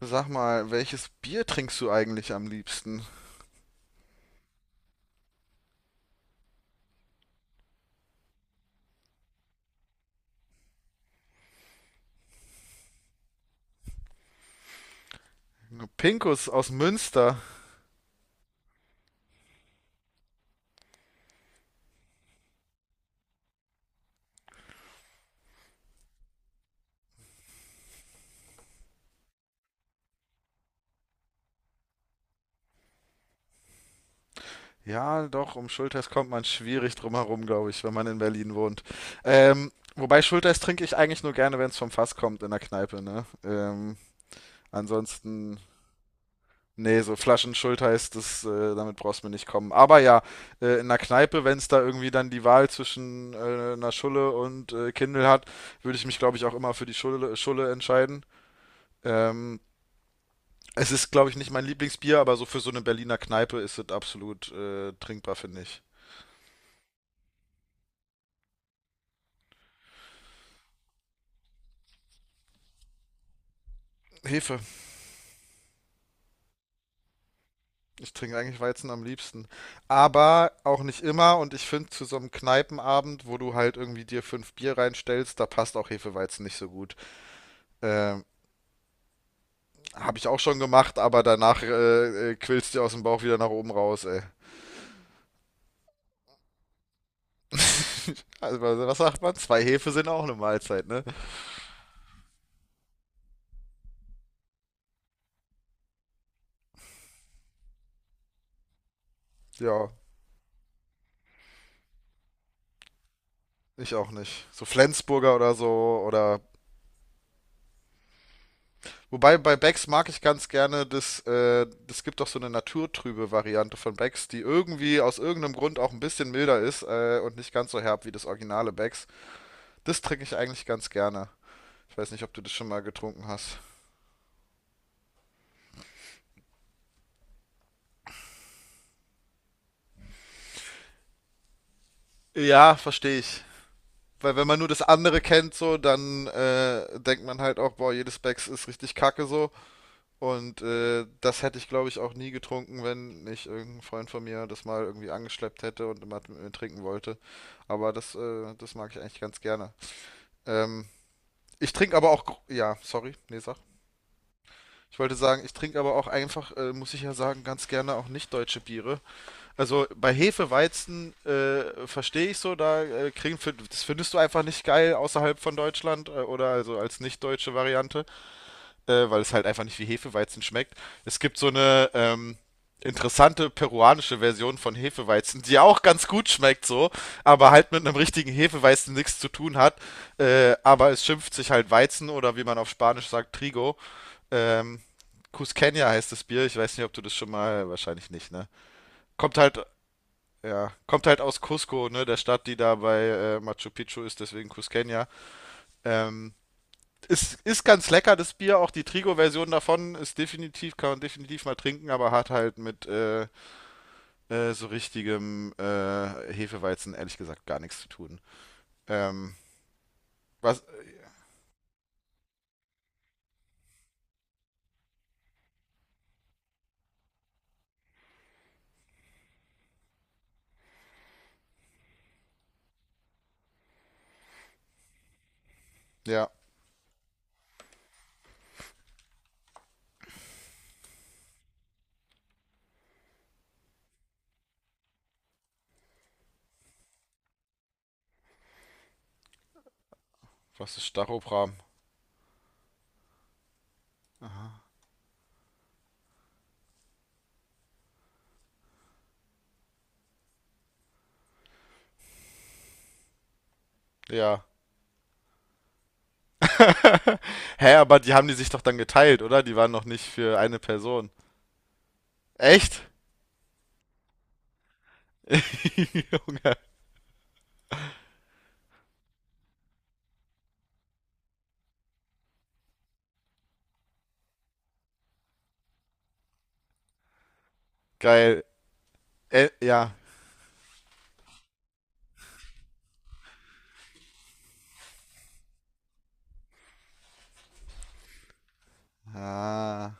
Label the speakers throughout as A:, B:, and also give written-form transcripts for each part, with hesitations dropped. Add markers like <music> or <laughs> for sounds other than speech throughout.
A: Sag mal, welches Bier trinkst du eigentlich am liebsten? Pinkus aus Münster. Ja, doch, um Schulters kommt man schwierig drum herum, glaube ich, wenn man in Berlin wohnt. Wobei Schulters trinke ich eigentlich nur gerne, wenn es vom Fass kommt in der Kneipe, ne? Ansonsten, nee, so Flaschen Schulters, damit brauchst du mir nicht kommen. Aber ja, in der Kneipe, wenn es da irgendwie dann die Wahl zwischen einer Schulle und Kindle hat, würde ich mich, glaube ich, auch immer für die Schulle entscheiden. Ähm, Es ist, glaube ich, nicht mein Lieblingsbier, aber so für so eine Berliner Kneipe ist es absolut trinkbar, finde ich. Hefe. Ich trinke eigentlich Weizen am liebsten. Aber auch nicht immer. Und ich finde, zu so einem Kneipenabend, wo du halt irgendwie dir fünf Bier reinstellst, da passt auch Hefeweizen nicht so gut. Ähm, Habe ich auch schon gemacht, aber danach quillst du aus dem Bauch wieder nach oben raus, ey. <laughs> Also, was sagt man? Zwei Hefe sind auch eine Mahlzeit, ne? Ja, ich auch nicht. So Flensburger oder so oder wobei bei Becks mag ich ganz gerne, das gibt doch so eine naturtrübe Variante von Becks, die irgendwie aus irgendeinem Grund auch ein bisschen milder ist und nicht ganz so herb wie das originale Becks. Das trinke ich eigentlich ganz gerne. Ich weiß nicht, ob du das schon mal getrunken hast. Ja, verstehe ich. Weil wenn man nur das andere kennt, so, dann denkt man halt auch, boah, jedes Becks ist richtig kacke so. Und das hätte ich, glaube ich, auch nie getrunken, wenn nicht irgendein Freund von mir das mal irgendwie angeschleppt hätte und immer mit mir trinken wollte. Aber das mag ich eigentlich ganz gerne. Ähm, ich trinke aber auch, ja, sorry, nee, sag. Ich wollte sagen, ich trinke aber auch einfach, muss ich ja sagen, ganz gerne auch nicht deutsche Biere. Also bei Hefe, Weizen verstehe ich so, da kriegen, das findest du einfach nicht geil außerhalb von Deutschland oder also als nicht deutsche Variante. Weil es halt einfach nicht wie Hefeweizen schmeckt. Es gibt so eine interessante peruanische Version von Hefeweizen, die auch ganz gut schmeckt so, aber halt mit einem richtigen Hefeweizen nichts zu tun hat. Aber es schimpft sich halt Weizen oder wie man auf Spanisch sagt, Trigo. Ähm, Cusqueña heißt das Bier. Ich weiß nicht, ob du das schon mal, wahrscheinlich nicht, ne? Kommt halt, ja, kommt halt aus Cusco, ne? Der Stadt, die da bei Machu Picchu ist, deswegen Cusqueña. Ähm, es ist ganz lecker, das Bier, auch die Trigo-Version davon ist definitiv, kann man definitiv mal trinken, aber hat halt mit so richtigem Hefeweizen ehrlich gesagt gar nichts zu tun. Ähm, was, ja, was ist Stachopram? Ja. <laughs> Hä, aber die haben die sich doch dann geteilt, oder? Die waren noch nicht für eine Person. Echt? <laughs> Junge. Geil. Ja. Ah.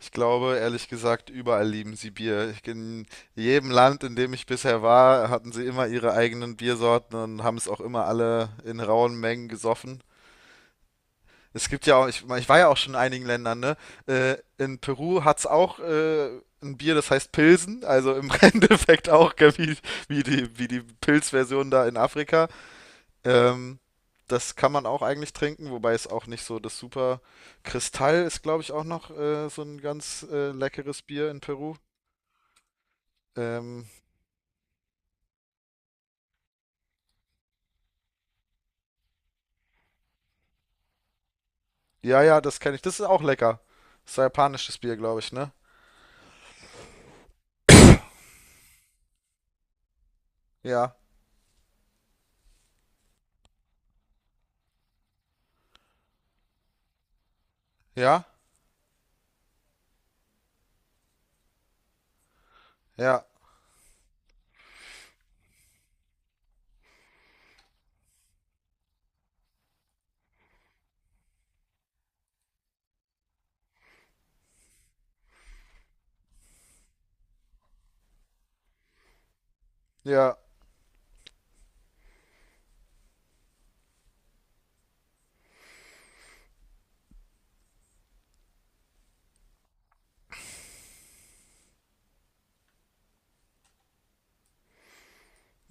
A: Ich glaube, ehrlich gesagt, überall lieben sie Bier. In jedem Land, in dem ich bisher war, hatten sie immer ihre eigenen Biersorten und haben es auch immer alle in rauen Mengen gesoffen. Es gibt ja auch, ich war ja auch schon in einigen Ländern, ne? In Peru hat's auch ein Bier, das heißt Pilsen, also im <laughs> Endeffekt auch gell, wie die Pilzversion da in Afrika. Ähm, das kann man auch eigentlich trinken, wobei es auch nicht so das super. Kristall ist, glaube ich, auch noch so ein ganz leckeres Bier in Peru. Ähm, ja, das kenne ich. Das ist auch lecker. Das ist ein japanisches Bier, glaube ich, ne? Ja, ja, ja, ja.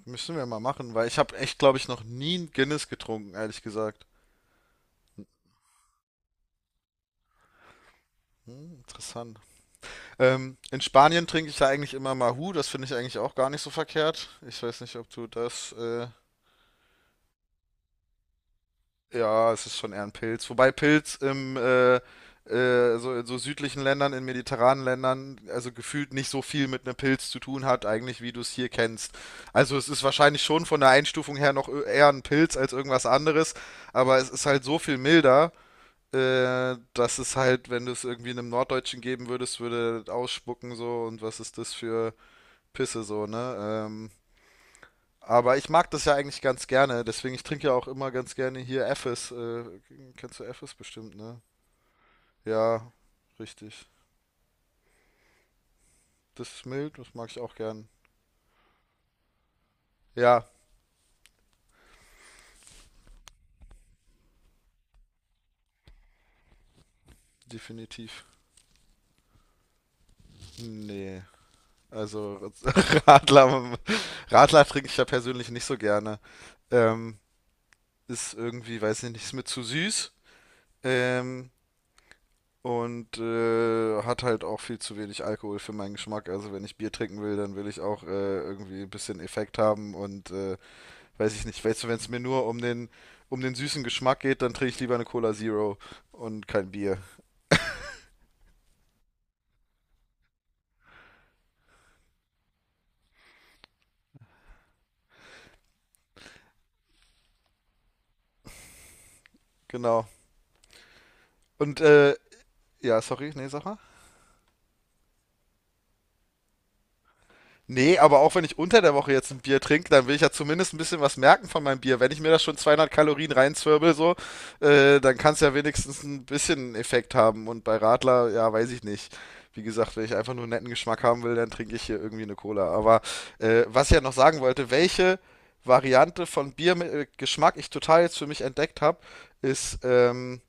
A: Müssen wir mal machen, weil ich habe echt, glaube ich, noch nie ein Guinness getrunken, ehrlich gesagt. Hm, interessant. In Spanien trinke ich ja eigentlich immer Mahu. Das finde ich eigentlich auch gar nicht so verkehrt. Ich weiß nicht, ob du das ja, es ist schon eher ein Pilz. Wobei Pilz im so, in so südlichen Ländern, in mediterranen Ländern, also gefühlt nicht so viel mit einem Pilz zu tun hat, eigentlich, wie du es hier kennst. Also es ist wahrscheinlich schon von der Einstufung her noch eher ein Pilz als irgendwas anderes, aber es ist halt so viel milder, dass es halt, wenn du es irgendwie einem Norddeutschen geben würdest, würde das ausspucken so und was ist das für Pisse so, ne? Aber ich mag das ja eigentlich ganz gerne, deswegen ich trinke ja auch immer ganz gerne hier Effes. Kennst du Effes bestimmt, ne? Ja, richtig. Das ist mild, das mag ich auch gern. Ja, definitiv. Nee. Also <laughs> Radler, Radler trinke ich ja persönlich nicht so gerne. Ähm, ist irgendwie, weiß ich nicht, ist mir zu süß. Ähm, hat halt auch viel zu wenig Alkohol für meinen Geschmack. Also wenn ich Bier trinken will, dann will ich auch irgendwie ein bisschen Effekt haben und weiß ich nicht, weißt du, wenn es mir nur um um den süßen Geschmack geht, dann trinke ich lieber eine Cola Zero und kein Bier. Genau. Und ja, sorry, nee, sag mal. Nee, aber auch wenn ich unter der Woche jetzt ein Bier trinke, dann will ich ja zumindest ein bisschen was merken von meinem Bier. Wenn ich mir da schon 200 Kalorien reinzwirbel, so, dann kann es ja wenigstens ein bisschen Effekt haben. Und bei Radler, ja, weiß ich nicht. Wie gesagt, wenn ich einfach nur einen netten Geschmack haben will, dann trinke ich hier irgendwie eine Cola. Aber was ich ja noch sagen wollte, welche Variante von Bier mit Geschmack ich total jetzt für mich entdeckt habe, ist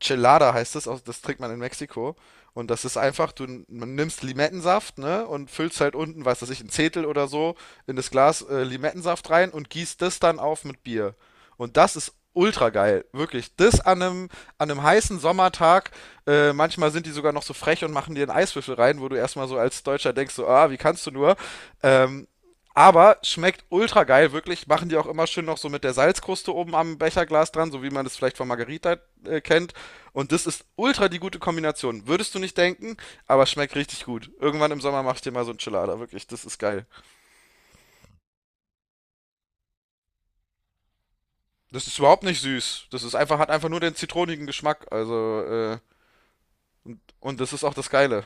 A: Chelada heißt es, das trinkt man in Mexiko. Und das ist einfach, du nimmst Limettensaft, ne, und füllst halt unten, weiß das ich, ein Zehntel oder so in das Glas Limettensaft rein und gießt das dann auf mit Bier. Und das ist ultra geil, wirklich. Das an an einem heißen Sommertag, manchmal sind die sogar noch so frech und machen dir einen Eiswürfel rein, wo du erstmal so als Deutscher denkst, so, ah, wie kannst du nur? Ähm, aber schmeckt ultra geil, wirklich. Machen die auch immer schön noch so mit der Salzkruste oben am Becherglas dran, so wie man das vielleicht von Margarita kennt. Und das ist ultra die gute Kombination. Würdest du nicht denken, aber schmeckt richtig gut. Irgendwann im Sommer mach ich dir mal so ein Chilada, wirklich, das ist geil. Das ist überhaupt nicht süß. Das ist einfach, hat einfach nur den zitronigen Geschmack. Also, und das ist auch das Geile.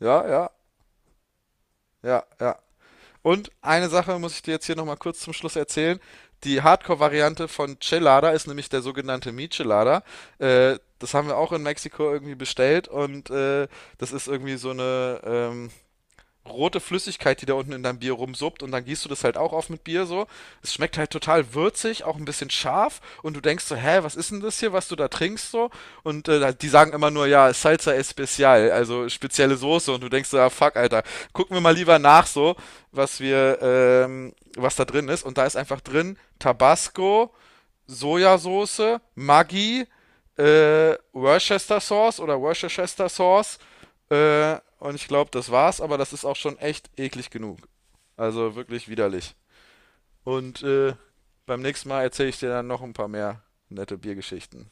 A: Ja, ja. Und eine Sache muss ich dir jetzt hier nochmal kurz zum Schluss erzählen. Die Hardcore-Variante von Chilada ist nämlich der sogenannte Michelada. Das haben wir auch in Mexiko irgendwie bestellt und das ist irgendwie so eine, rote Flüssigkeit, die da unten in deinem Bier rumsuppt und dann gießt du das halt auch auf mit Bier so. Es schmeckt halt total würzig, auch ein bisschen scharf und du denkst so, hä, was ist denn das hier, was du da trinkst so? Und die sagen immer nur, ja, Salsa Especial, also spezielle Soße und du denkst so, ja, fuck, Alter, gucken wir mal lieber nach so, was wir, was da drin ist und da ist einfach drin Tabasco, Sojasauce, Maggi, Worcester Sauce oder Worcestershire Sauce. Und ich glaube, das war's, aber das ist auch schon echt eklig genug. Also wirklich widerlich. Und beim nächsten Mal erzähle ich dir dann noch ein paar mehr nette Biergeschichten.